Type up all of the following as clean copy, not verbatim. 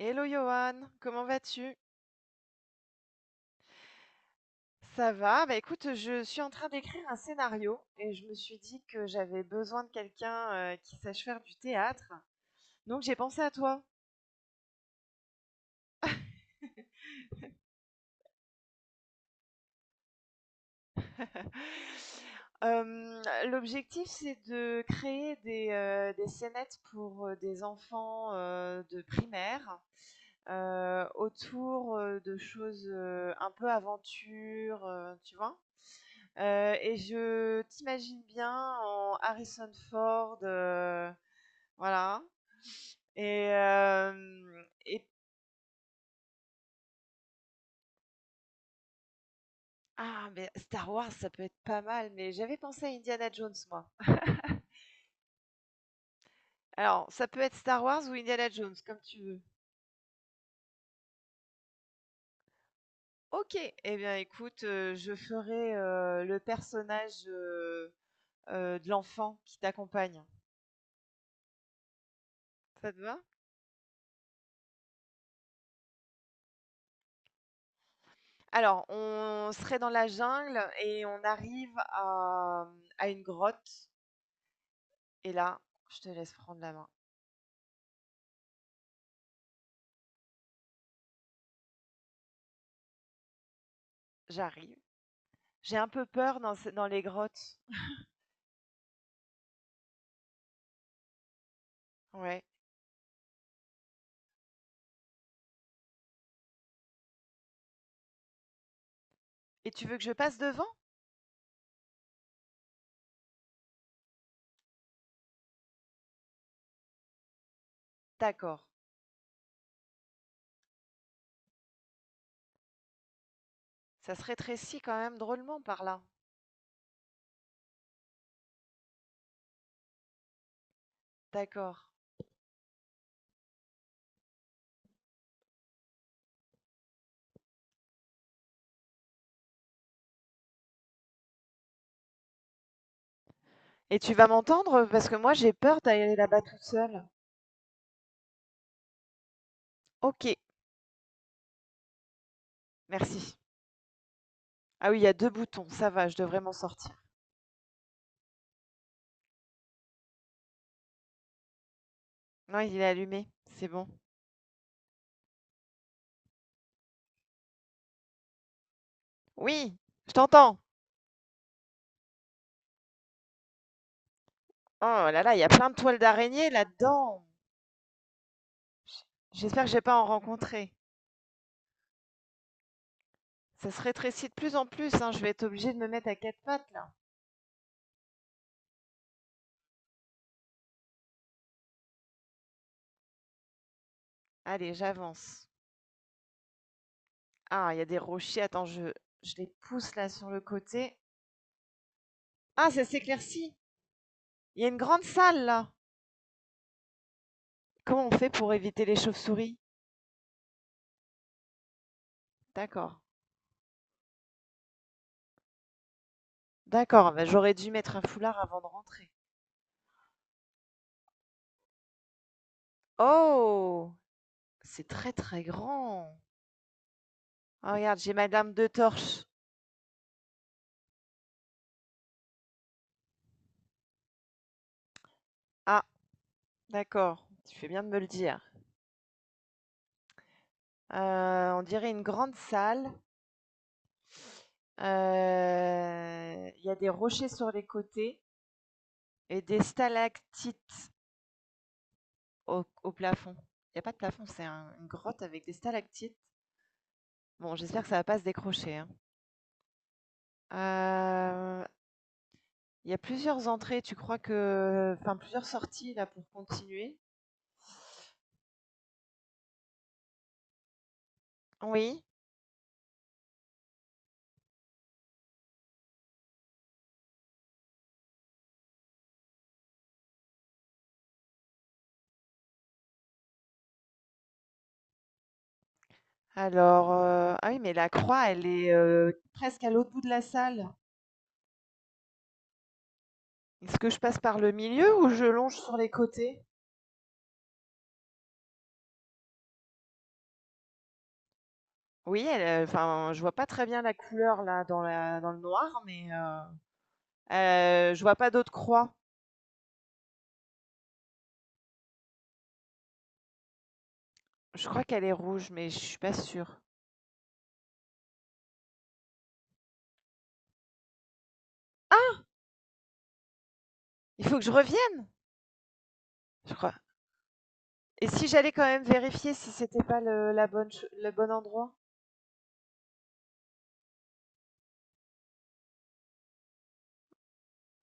Hello Johan, comment vas-tu? Ça va? Bah écoute, je suis en train d'écrire un scénario et je me suis dit que j'avais besoin de quelqu'un qui sache faire du théâtre. Donc j'ai pensé à toi. L'objectif, c'est de créer des scénettes pour des enfants de primaire. Autour, de choses, un peu aventure, tu vois? Et je t'imagine bien en Harrison Ford, voilà et ah mais Star Wars, ça peut être pas mal, mais j'avais pensé à Indiana Jones, moi. Alors, ça peut être Star Wars ou Indiana Jones, comme tu veux. OK, eh bien écoute, je ferai, le personnage, de l'enfant qui t'accompagne. Ça te va? Alors, on serait dans la jungle et on arrive à une grotte et là, je te laisse prendre la main. J'arrive. J'ai un peu peur dans ces dans les grottes. Ouais. Et tu veux que je passe devant? D'accord. Ça se rétrécit quand même drôlement par là. D'accord. Et tu vas m'entendre? Parce que moi, j'ai peur d'aller là-bas toute seule. OK, merci. Ah oui, il y a 2 boutons, ça va, je devrais m'en sortir. Non, il est allumé, c'est bon. Oui, je t'entends. Oh là là, il y a plein de toiles d'araignée là-dedans. J- J'espère que j'ai pas en rencontré. Ça se rétrécit de plus en plus, hein. Je vais être obligée de me mettre à quatre pattes là. Allez, j'avance. Ah, il y a des rochers. Attends, je les pousse là sur le côté. Ah, ça s'éclaircit. Il y a une grande salle là. Comment on fait pour éviter les chauves-souris? D'accord. D'accord, bah, j'aurais dû mettre un foulard avant de rentrer. Oh, c'est très très grand. Ah, regarde, j'ai ma lame de torche. Ah, d'accord. Tu fais bien de me le dire. On dirait une grande salle. Il y a des rochers sur les côtés et des stalactites au plafond. Il y a pas de plafond, c'est un une grotte avec des stalactites. Bon, j'espère que ça va pas se décrocher, hein. Heu, il y a plusieurs entrées, tu crois que enfin plusieurs sorties là pour continuer? Oui. Alors, ah oui, mais la croix, elle est, presque à l'autre bout de la salle. Est-ce que je passe par le milieu ou je longe sur les côtés? Oui, elle, enfin, je vois pas très bien la couleur là dans la dans le noir, mais je vois pas d'autres croix. Je crois qu'elle est rouge, mais je suis pas sûre. Ah! Il faut que je revienne, je crois. Et si j'allais quand même vérifier si c'était pas le la bonne ch le bon endroit?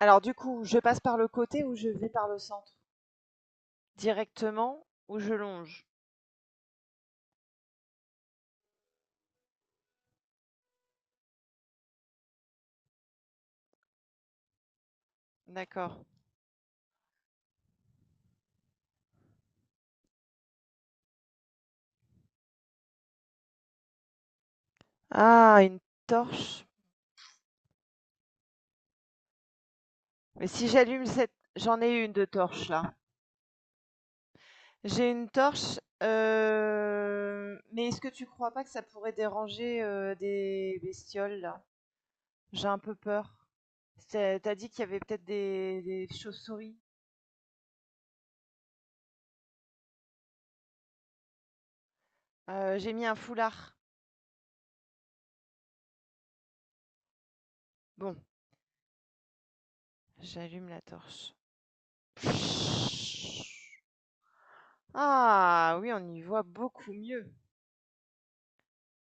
Alors du coup, je passe par le côté ou je vais par le centre? Directement ou je longe? D'accord. Ah, une torche. Mais si j'allume cette j'en ai une de torche là. J'ai une torche, mais est-ce que tu crois pas que ça pourrait déranger, des bestioles là? J'ai un peu peur. C'est tu dit qu'il y avait peut-être des chauves-souris. J'ai mis un foulard. Bon, j'allume la torche. Ah oui, on y voit beaucoup mieux.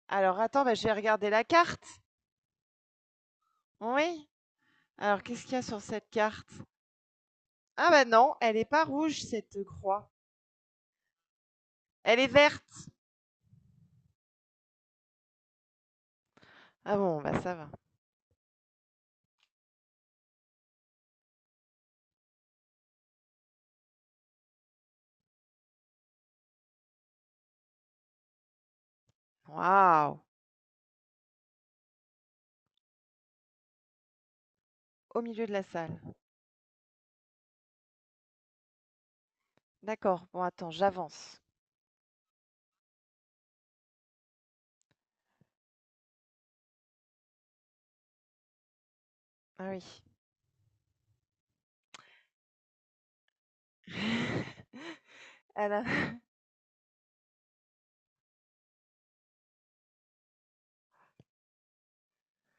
Alors attends, bah, je vais regarder la carte. Oui. Alors qu'est-ce qu'il y a sur cette carte? Ah bah non, elle n'est pas rouge cette croix. Elle est verte. Ah bon, bah, ça va. Waouh! Au milieu de la salle. D'accord. Bon, attends, j'avance. Ah oui. Elle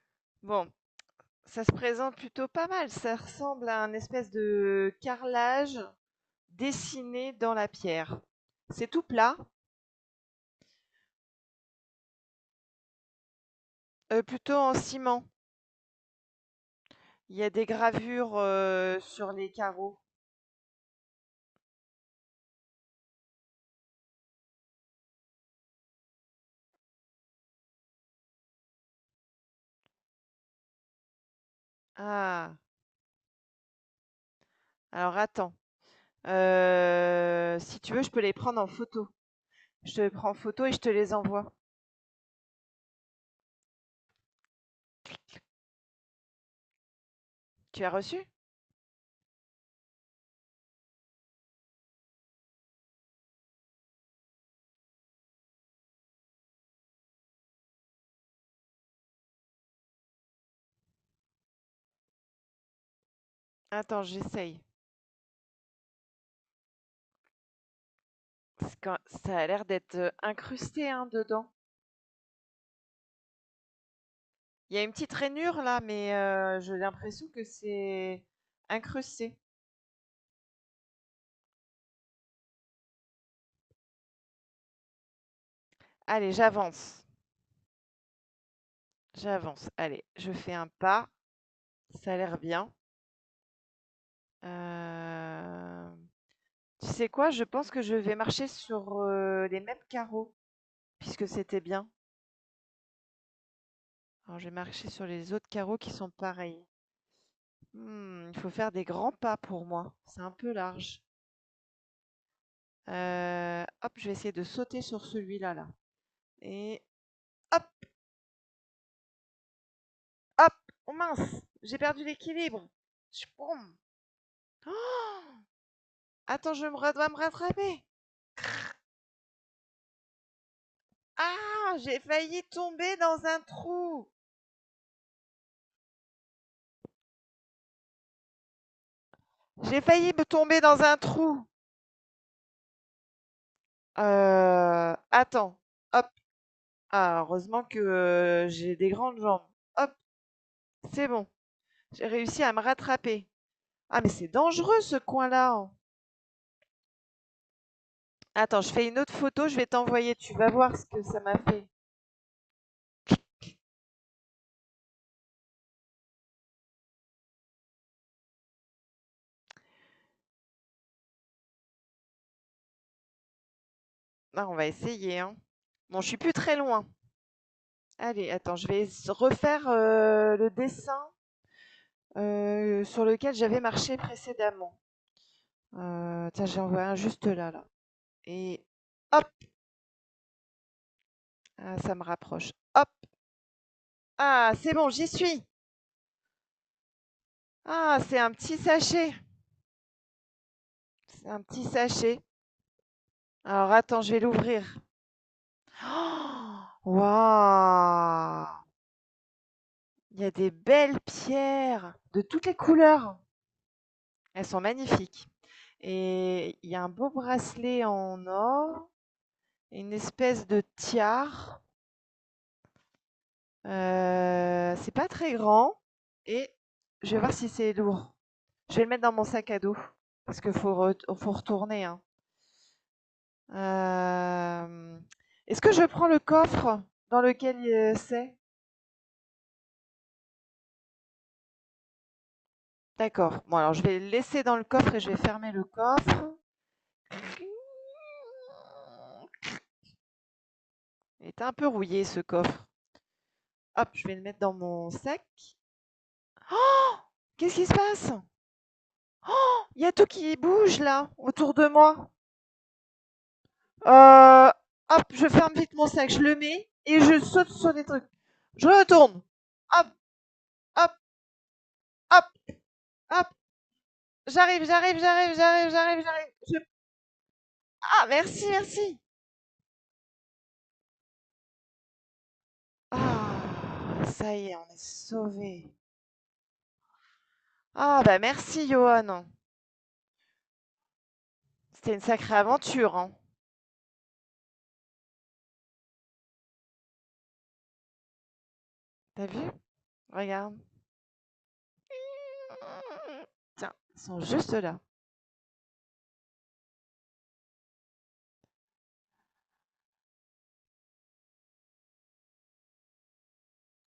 Bon, ça se présente plutôt pas mal. Ça ressemble à un espèce de carrelage dessiné dans la pierre. C'est tout plat, plutôt en ciment. Il y a des gravures sur les carreaux. Ah, alors attends. Si tu veux, je peux les prendre en photo. Je te prends en photo et je te les envoie. Tu as reçu? Attends, j'essaye. Ça a l'air d'être incrusté hein, dedans. Il y a une petite rainure là, mais j'ai l'impression que c'est incrusté. Allez, j'avance. Allez, je fais un pas, ça a l'air bien. Hem, tu sais quoi? Je pense que je vais marcher sur, les mêmes carreaux, puisque c'était bien. Alors je vais marcher sur les autres carreaux qui sont pareils. Mmh, il faut faire des grands pas pour moi, c'est un peu large. Hop, je vais essayer de sauter sur celui-là là et hop! Hop! Oh mince! J'ai perdu l'équilibre. Oh, attends, je me dois me rattraper. Ah! J'ai failli tomber dans un trou. J'ai failli me tomber dans un trou. Attends. Hop. Ah, heureusement que j'ai des grandes jambes. Hop, c'est bon. J'ai réussi à me rattraper. Ah, mais c'est dangereux ce coin-là, hein. Attends, je fais une autre photo, je vais t'envoyer. Tu vas voir ce que ça m'a fait. Ah, on va essayer, hein. Bon, je suis plus très loin. Allez, attends, refaire le dessin sur lequel j'avais marché précédemment. Tiens, j'en vois un juste là. Et hop, ah, ça me rapproche. Hop, ah, c'est bon, j'y suis. Ah, c'est un petit sachet. C'est un petit sachet. Alors, attends, je vais l'ouvrir. Oh, Waouh! Il y a des belles pierres de toutes les couleurs. Elles sont magnifiques. Et il y a un beau bracelet en or. Une espèce de tiare, c'est pas très grand et je vais voir si c'est lourd. Je vais le mettre dans mon sac à dos parce qu'il faut retourner, hein. Hem, est-ce que je prends le coffre dans lequel, c'est? D'accord. Bon alors je vais le laisser dans le coffre et je vais fermer le coffre. Il est un peu rouillé ce coffre. Hop, je vais le mettre dans mon sac. Qu'est-ce qui se passe? Il y a tout qui bouge là, autour de moi. Euh, hop, je ferme vite mon sac, je le mets et je saute sur des trucs. Je retourne. Hop, hop, hop, hop. J'arrive, j'arrive, j'arrive, j'arrive, j'arrive, j'arrive. Ah, merci, merci. Ah, ça y est, on est sauvés. Ah, bah merci, Johan. C'était une sacrée aventure, hein. T'as vu? Regarde. Tiens, ils sont juste là.